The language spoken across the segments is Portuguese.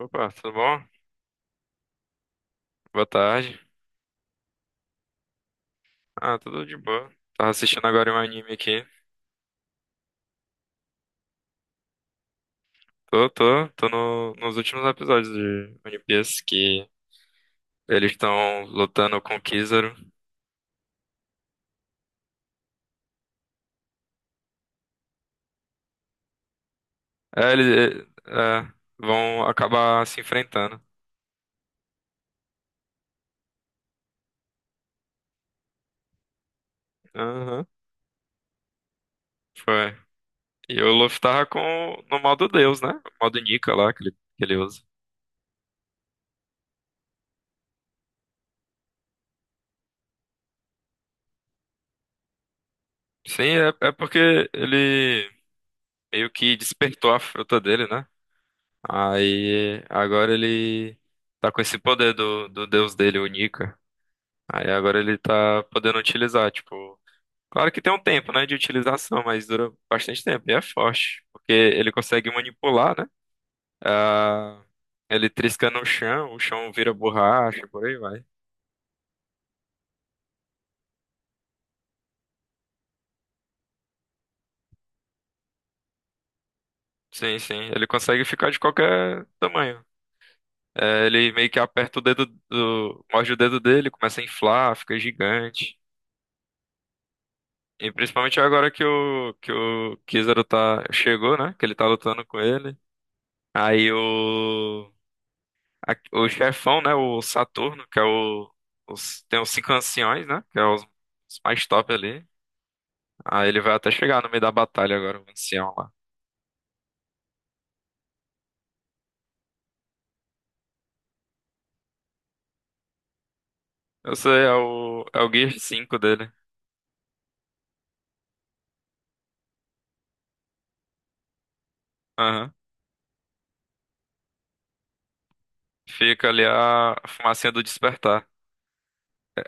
Opa, tudo bom? Boa tarde. Ah, tudo de boa. Tava assistindo agora um anime aqui. Tô. Tô nos últimos episódios de One Piece, que eles estão lutando com o Kizaru. É, eles vão acabar se enfrentando. Aham. Foi. E o Luffy tava com, no modo Deus, né? O modo Nika lá que ele usa. Sim, porque ele meio que despertou a fruta dele, né? Aí agora ele tá com esse poder do deus dele, o Nika. Aí agora ele tá podendo utilizar, tipo. Claro que tem um tempo, né, de utilização, mas dura bastante tempo e é forte. Porque ele consegue manipular, né? Ah, ele trisca no chão, o chão vira borracha, por aí vai. Sim, sim. Ele consegue ficar de qualquer tamanho. É, ele meio que aperta o dedo do. Morde o dedo dele, começa a inflar, fica gigante. E principalmente agora que o Kizaru tá, chegou, né? Que ele tá lutando com ele. Aí o, o chefão, né? O Saturno, que é o, os- tem os cinco anciões, né? Que é os mais top ali. Aí ele vai até chegar no meio da batalha agora, o ancião lá. Eu sei, é o Gear 5 dele. Aham. Fica ali a fumacinha do despertar. É,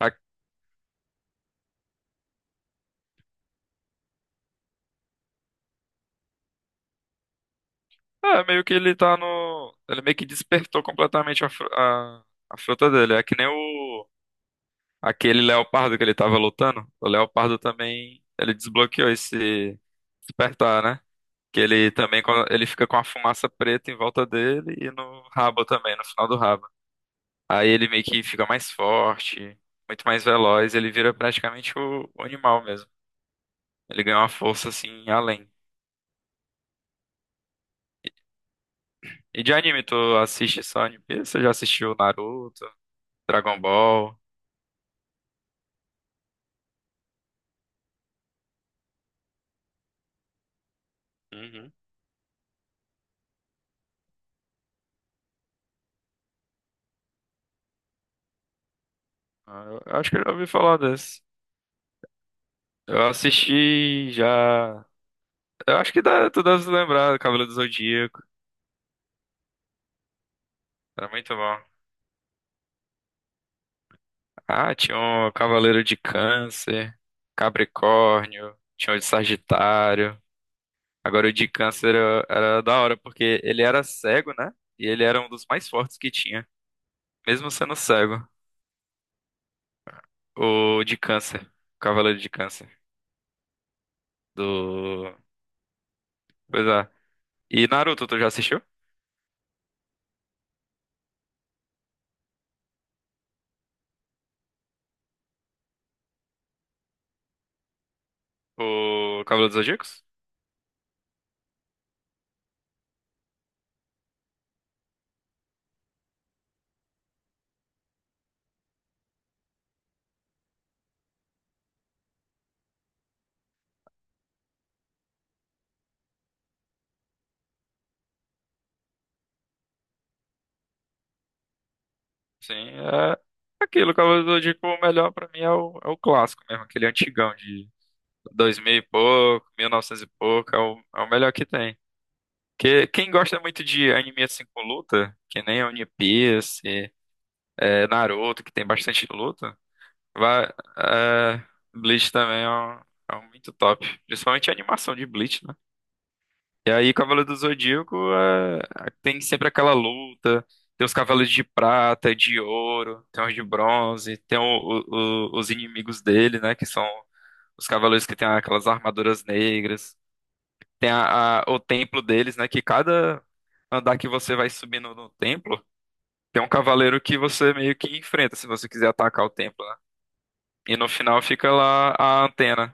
A- É, meio que ele tá no. Ele meio que despertou completamente a fruta dele. É que nem o. Aquele leopardo que ele tava lutando, o leopardo também, ele desbloqueou esse despertar, né? Que ele também, ele fica com a fumaça preta em volta dele e no rabo também, no final do rabo. Aí ele meio que fica mais forte, muito mais veloz, ele vira praticamente o animal mesmo. Ele ganha uma força assim além. E de anime, tu assiste só One Piece? Você já assistiu Naruto, Dragon Ball? Uhum. Ah, eu acho que eu já ouvi falar desse. Eu assisti já. Eu acho que dá, tu deve se lembrar do Cavaleiro do Zodíaco. Era muito bom. Ah, tinha um Cavaleiro de Câncer, Capricórnio, tinha o de Sagitário. Agora o de Câncer era da hora, porque ele era cego, né? E ele era um dos mais fortes que tinha. Mesmo sendo cego, o de Câncer. O Cavaleiro de Câncer. Do. Pois é. E Naruto, tu já assistiu? O Cavaleiro dos Zodíacos? Sim, é aquilo. O Cavaleiro do Zodíaco, o melhor pra mim é o clássico mesmo, aquele antigão de. Dois mil e pouco, mil e novecentos e pouco, é o melhor que tem. Que, quem gosta muito de anime assim com luta, que nem One Piece, é, Naruto, que tem bastante luta, vai, é, Bleach também é um muito top. Principalmente a animação de Bleach, né? E aí Cavaleiro do Zodíaco é, tem sempre aquela luta, tem os cavaleiros de prata, de ouro, tem os de bronze, tem os inimigos dele, né? Que são os cavaleiros que têm aquelas armaduras negras. Tem o templo deles, né? Que cada andar que você vai subindo no templo, tem um cavaleiro que você meio que enfrenta se você quiser atacar o templo, né? E no final fica lá a antena.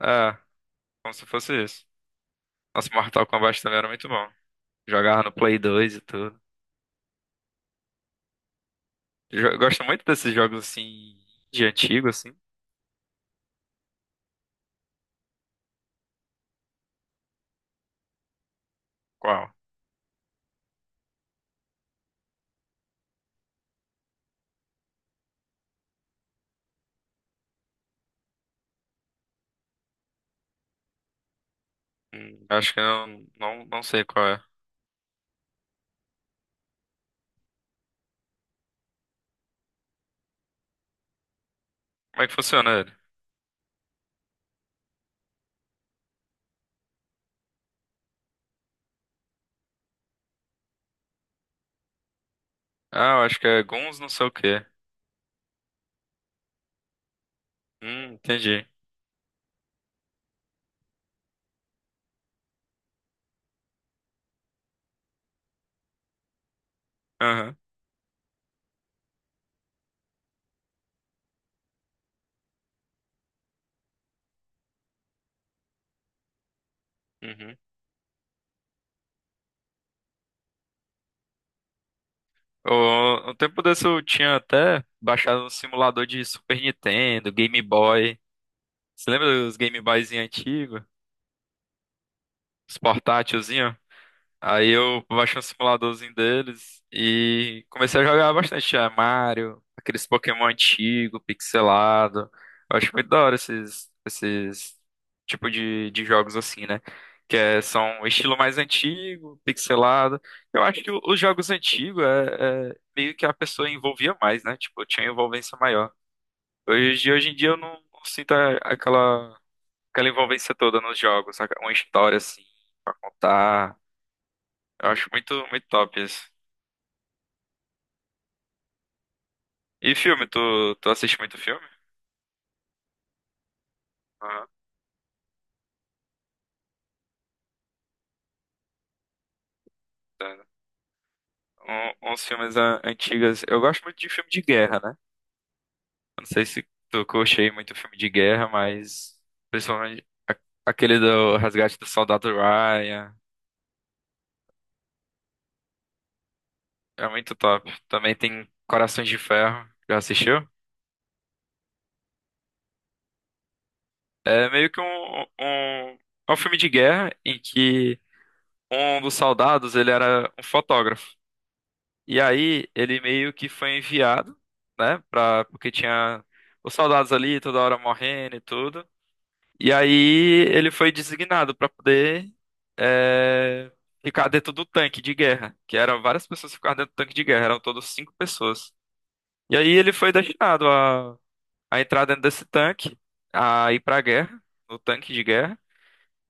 É, como se fosse isso. Nossa, Mortal Kombat também era muito bom. Jogava no Play 2 e tudo. Gosto muito desses jogos assim, de antigo, assim. Qual? Acho que eu não sei qual é. Como é que funciona ele? Ah, eu acho que é Guns não sei o quê. Entendi. Aham. Uhum. Um tempo desse eu tinha até baixado um simulador de Super Nintendo, Game Boy. Você lembra dos Game Boyzinho antigos? Os portátilzinho? Aí eu baixei um simuladorzinho deles e comecei a jogar bastante. É, Mario, aqueles Pokémon antigo, pixelado. Eu acho muito da hora esses tipo de jogos assim, né? Que é, são um estilo mais antigo, pixelado. Eu acho que os jogos antigos é meio que a pessoa envolvia mais, né? Tipo, tinha envolvência maior. Hoje em dia eu não sinto aquela envolvência toda nos jogos, saca? Uma história assim, contar. Eu acho muito, muito top isso. E filme, tu assiste muito filme? Aham. Uns filmes antigos. Eu gosto muito de filme de guerra, né? Eu não sei se tu curte aí muito filme de guerra, mas principalmente aquele do Resgate do Soldado Ryan. É muito top. Também tem Corações de Ferro. Já assistiu? É meio que é um filme de guerra em que um dos soldados ele era um fotógrafo. E aí ele meio que foi enviado, né? Pra, porque tinha os soldados ali toda hora morrendo e tudo. E aí ele foi designado pra poder é, ficar dentro do tanque de guerra, que eram várias pessoas que ficavam dentro do tanque de guerra, eram todos cinco pessoas. E aí ele foi destinado a entrar dentro desse tanque, a ir pra guerra, no tanque de guerra.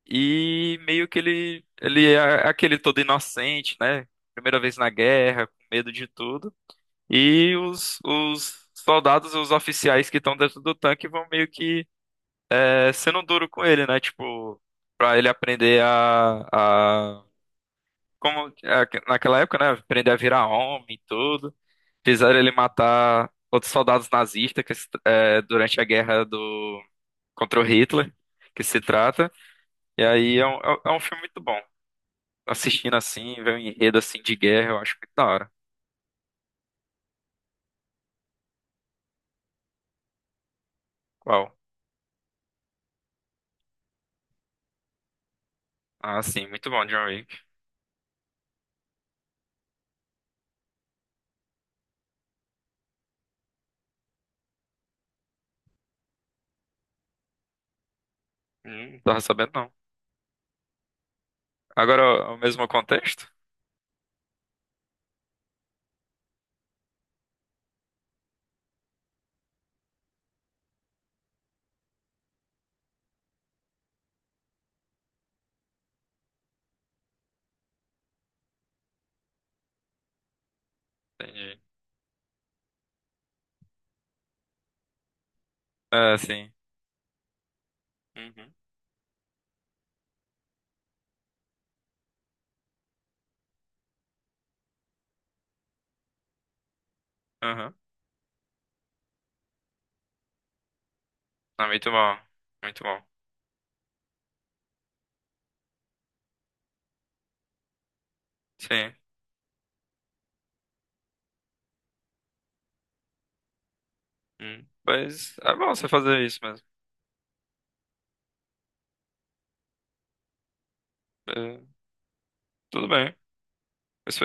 E meio que ele é aquele todo inocente, né? Primeira vez na guerra, com medo de tudo. E os soldados, os oficiais que estão dentro do tanque vão meio que sendo duro com ele, né? Tipo, pra ele aprender a como é, naquela época, né? Aprender a virar homem e tudo. Fizeram ele matar outros soldados nazistas que, durante a guerra do contra o Hitler, que se trata. E aí é um, é um filme muito bom. Assistindo assim, ver um enredo assim de guerra, eu acho muito da hora. Qual? Ah, sim, muito bom, John Wick. Não tava sabendo não. Agora, é o mesmo contexto? Entendi. É, sim. Uhum. Uhum. Ah, muito bom. Muito bom. Sim. Hum. Mas é bom você fazer isso mesmo. É, tudo bem. Mas